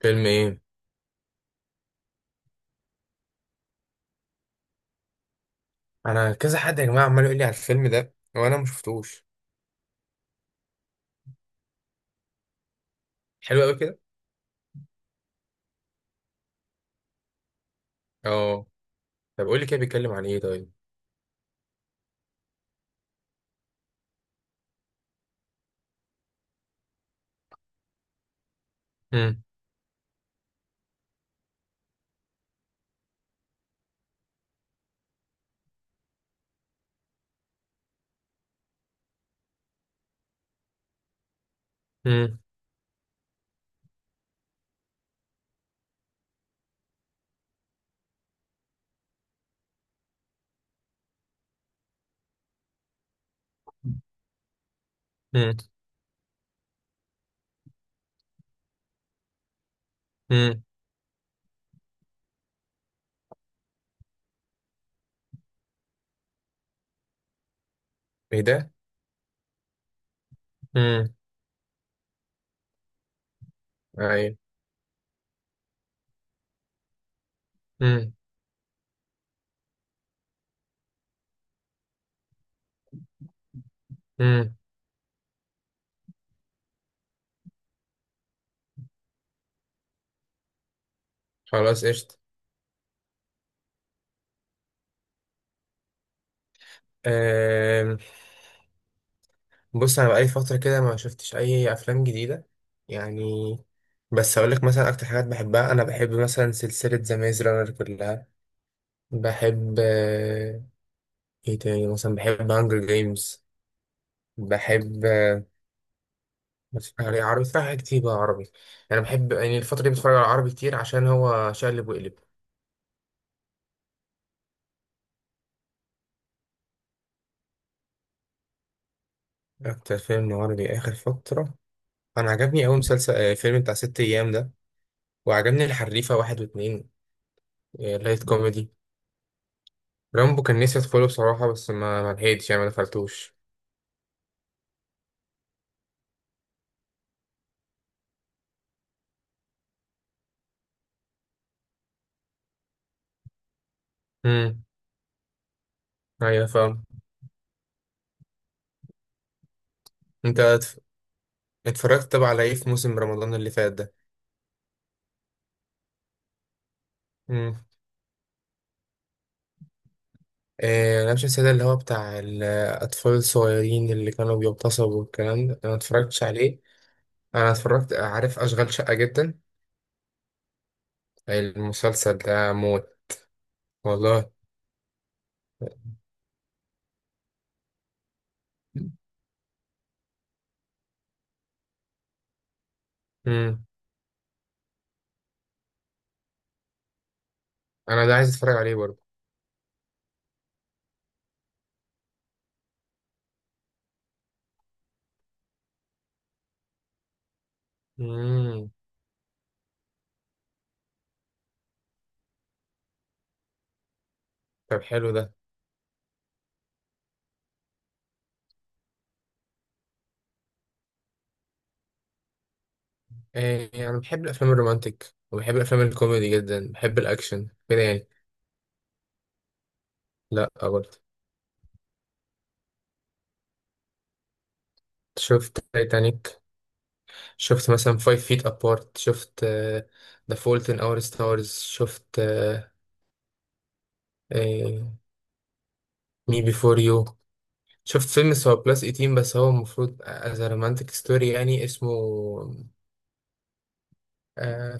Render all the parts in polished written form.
فيلم ايه؟ انا كذا حد يا جماعه عمال يقول لي على الفيلم ده وانا ما شفتوش. حلو قوي كده. اه. طب قول لي كده بيتكلم عن ايه طيب. امم امم امم امم. ايه ده؟ امم. ايوه. امم. امم. خلاص قشطه. أم، بص انا بقالي فتره كده ما شفتش اي افلام جديده يعني. بس اقول لك مثلا اكتر حاجات بحبها، انا بحب مثلا سلسله ذا ميز رانر كلها. بحب ايه تاني؟ مثلا بحب هانجر جيمز. بحب، بس يعني عربي، في حاجات كتير بقى عربي. انا بحب يعني الفتره دي بتفرج على عربي كتير عشان هو شقلب وقلب. اكتر فيلم عربي اخر فتره انا عجبني اوي مسلسل فيلم بتاع ست ايام ده، وعجبني الحريفه واحد واتنين. لايت كوميدي. رامبو كان نفسي ادخله بصراحه، بس ما لحقتش يعني ما دخلتوش. امم. ايوه فاهم. انت اتف- اتفرجت طبعا على ايه في موسم رمضان اللي فات ده؟ امم. انا مش نسيت، اللي هو بتاع الاطفال الصغيرين اللي كانوا بيغتصبوا والكلام ده، انا ما اتفرجتش عليه. انا اتفرجت، عارف اشغال شقة جدا المسلسل ده، موت والله. امم. انا ده عايز اتفرج عليه برضه. امم. طب حلو ده. إيه، انا بحب الافلام الرومانتيك وبحب الافلام الكوميدي جدا، بحب الاكشن كده يعني. لا برضه. شفت تايتانيك. شفت مثلا فايف فيت ابارت، شفت ذا فولت ان اور ستارز، شفت مي بيفور يو. شفت فيلم بس هو بلس 18، بس هو المفروض از رومانتيك ستوري يعني، اسمه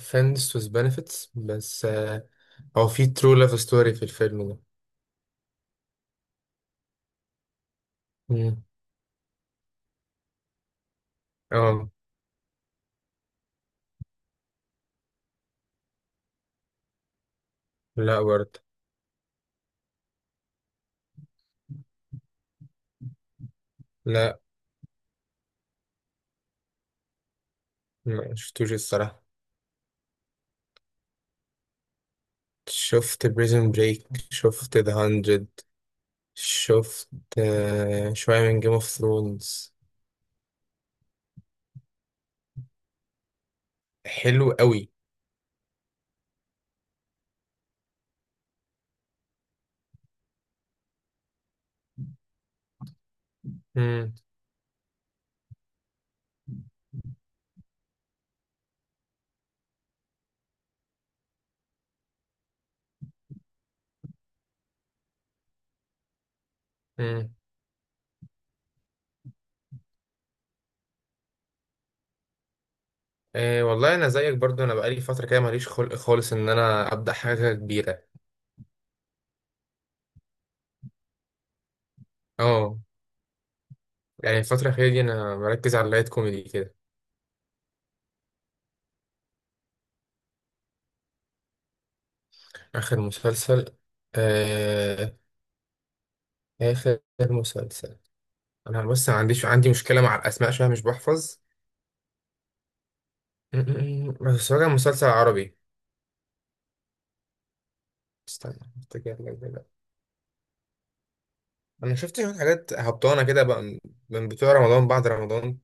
فريندز with benefits، بس هو في true love story في الفيلم ده. مم. اه. لا برضه. لا ما شفتوش الصراحة. شفت بريزن بريك، شفت ذا هاندرد، شفت شوية من جيم اوف ثرونز. حلو قوي. مم. مم. آه والله انا زيك برضو، انا بقالي فترة كده ماليش خلق خالص ان انا ابدأ حاجة كبيرة. اه. يعني الفترة الأخيرة دي انا مركز على اللايت كوميدي كده. اخر مسلسل آه، آخر مسلسل، أنا بص ما عنديش، عندي مشكلة مع الأسماء شوية مش بحفظ. م- م- م. بس هو كان مسلسل عربي. استنى أفتكر لك دلوقتي. أنا شفت شوية حاجات هبطانة كده بقى، من بتوع رمضان بعد رمضان،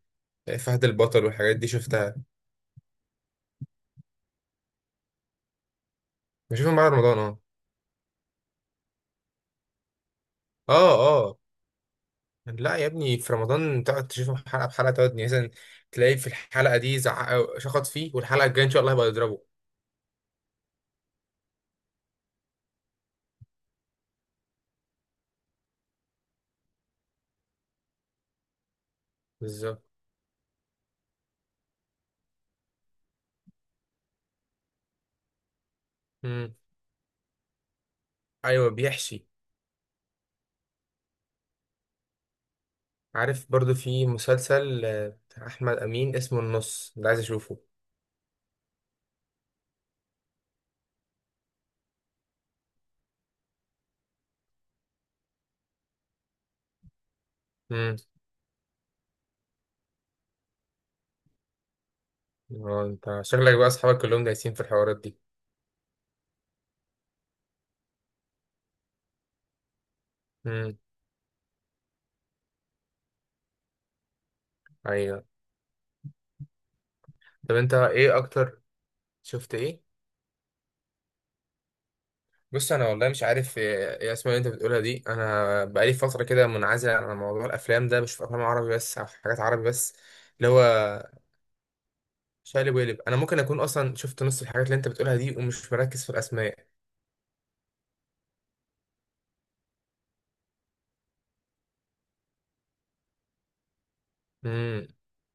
يعني فهد البطل والحاجات دي شفتها. بشوفهم بعد رمضان أه. أه أه. لا يا ابني، في رمضان تقعد تشوفهم حلقة بحلقة، تقعد يعني مثلا تلاقي في الحلقة دي زعق شخط فيه، والحلقة الجاية إن شاء الله هيبقى يضربه. بالظبط. مم. أيوه بيحشي. عارف برضو في مسلسل بتاع احمد امين اسمه النص ده، عايز اشوفه. امم. انت شكلك بقى اصحابك كلهم دايسين في الحوارات دي. امم. ايوه. طب انت ايه اكتر؟ شفت ايه؟ بص انا والله مش عارف ايه، إيه اسمها اللي انت بتقولها دي، انا بقالي فتره كده منعزل عن موضوع الافلام ده، بشوف افلام عربي بس او حاجات عربي بس، اللي هو شقلب وقلب. انا ممكن اكون اصلا شفت نص الحاجات اللي انت بتقولها دي ومش مركز في الاسماء. امم.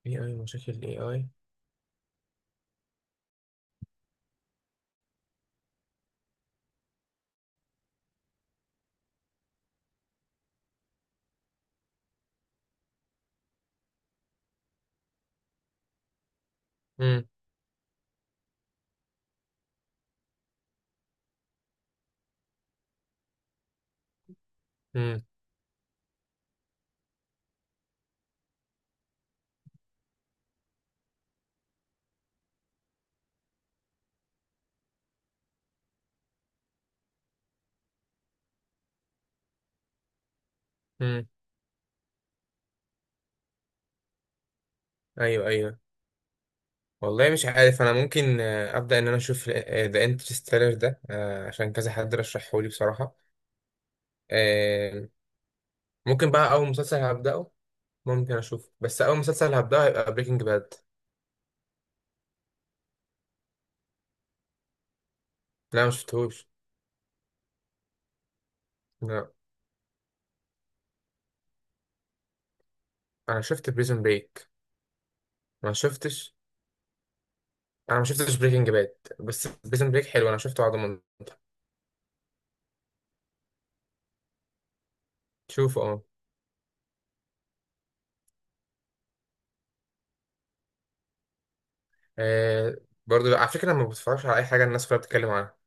ايه اي مشاكل الاي اي؟ امم. امم. امم. ايوه ايوه. والله مش عارف، انا ممكن ابدا ان انا اشوف ذا انترستيلر ده، عشان كذا حد رشحه لي بصراحه. آه. ممكن بقى اول مسلسل هبداه، ممكن اشوفه، بس اول مسلسل هبداه هيبقى بريكنج باد. لا ما شفتهوش. لا. انا شفت بريزون بريك. ما شفتش، انا ما شفتش بريكنج باد، بس بريزون بريك حلو، انا شفته على ضمان. شوفه اه. آه، برضه لا، على فكره انا ما بتفرجش على اي حاجه الناس كلها بتتكلم عنها.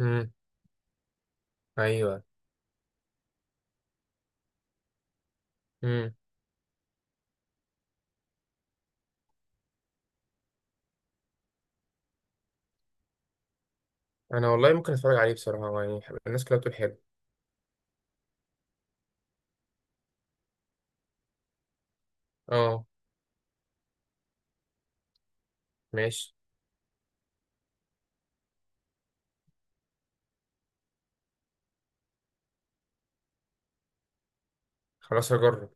امم. ايوه. امم. انا والله ممكن اتفرج عليه بصراحه يعني، الناس كلها بتقول حلو. اه. ماشي. خلاص هجرب.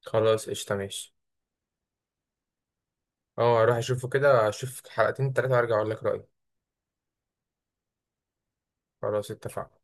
خلاص قشطة ماشي. اه اروح اشوفه كده، اشوف حلقتين تلاتة وارجع اقول لك رأيي. خلاص اتفقنا.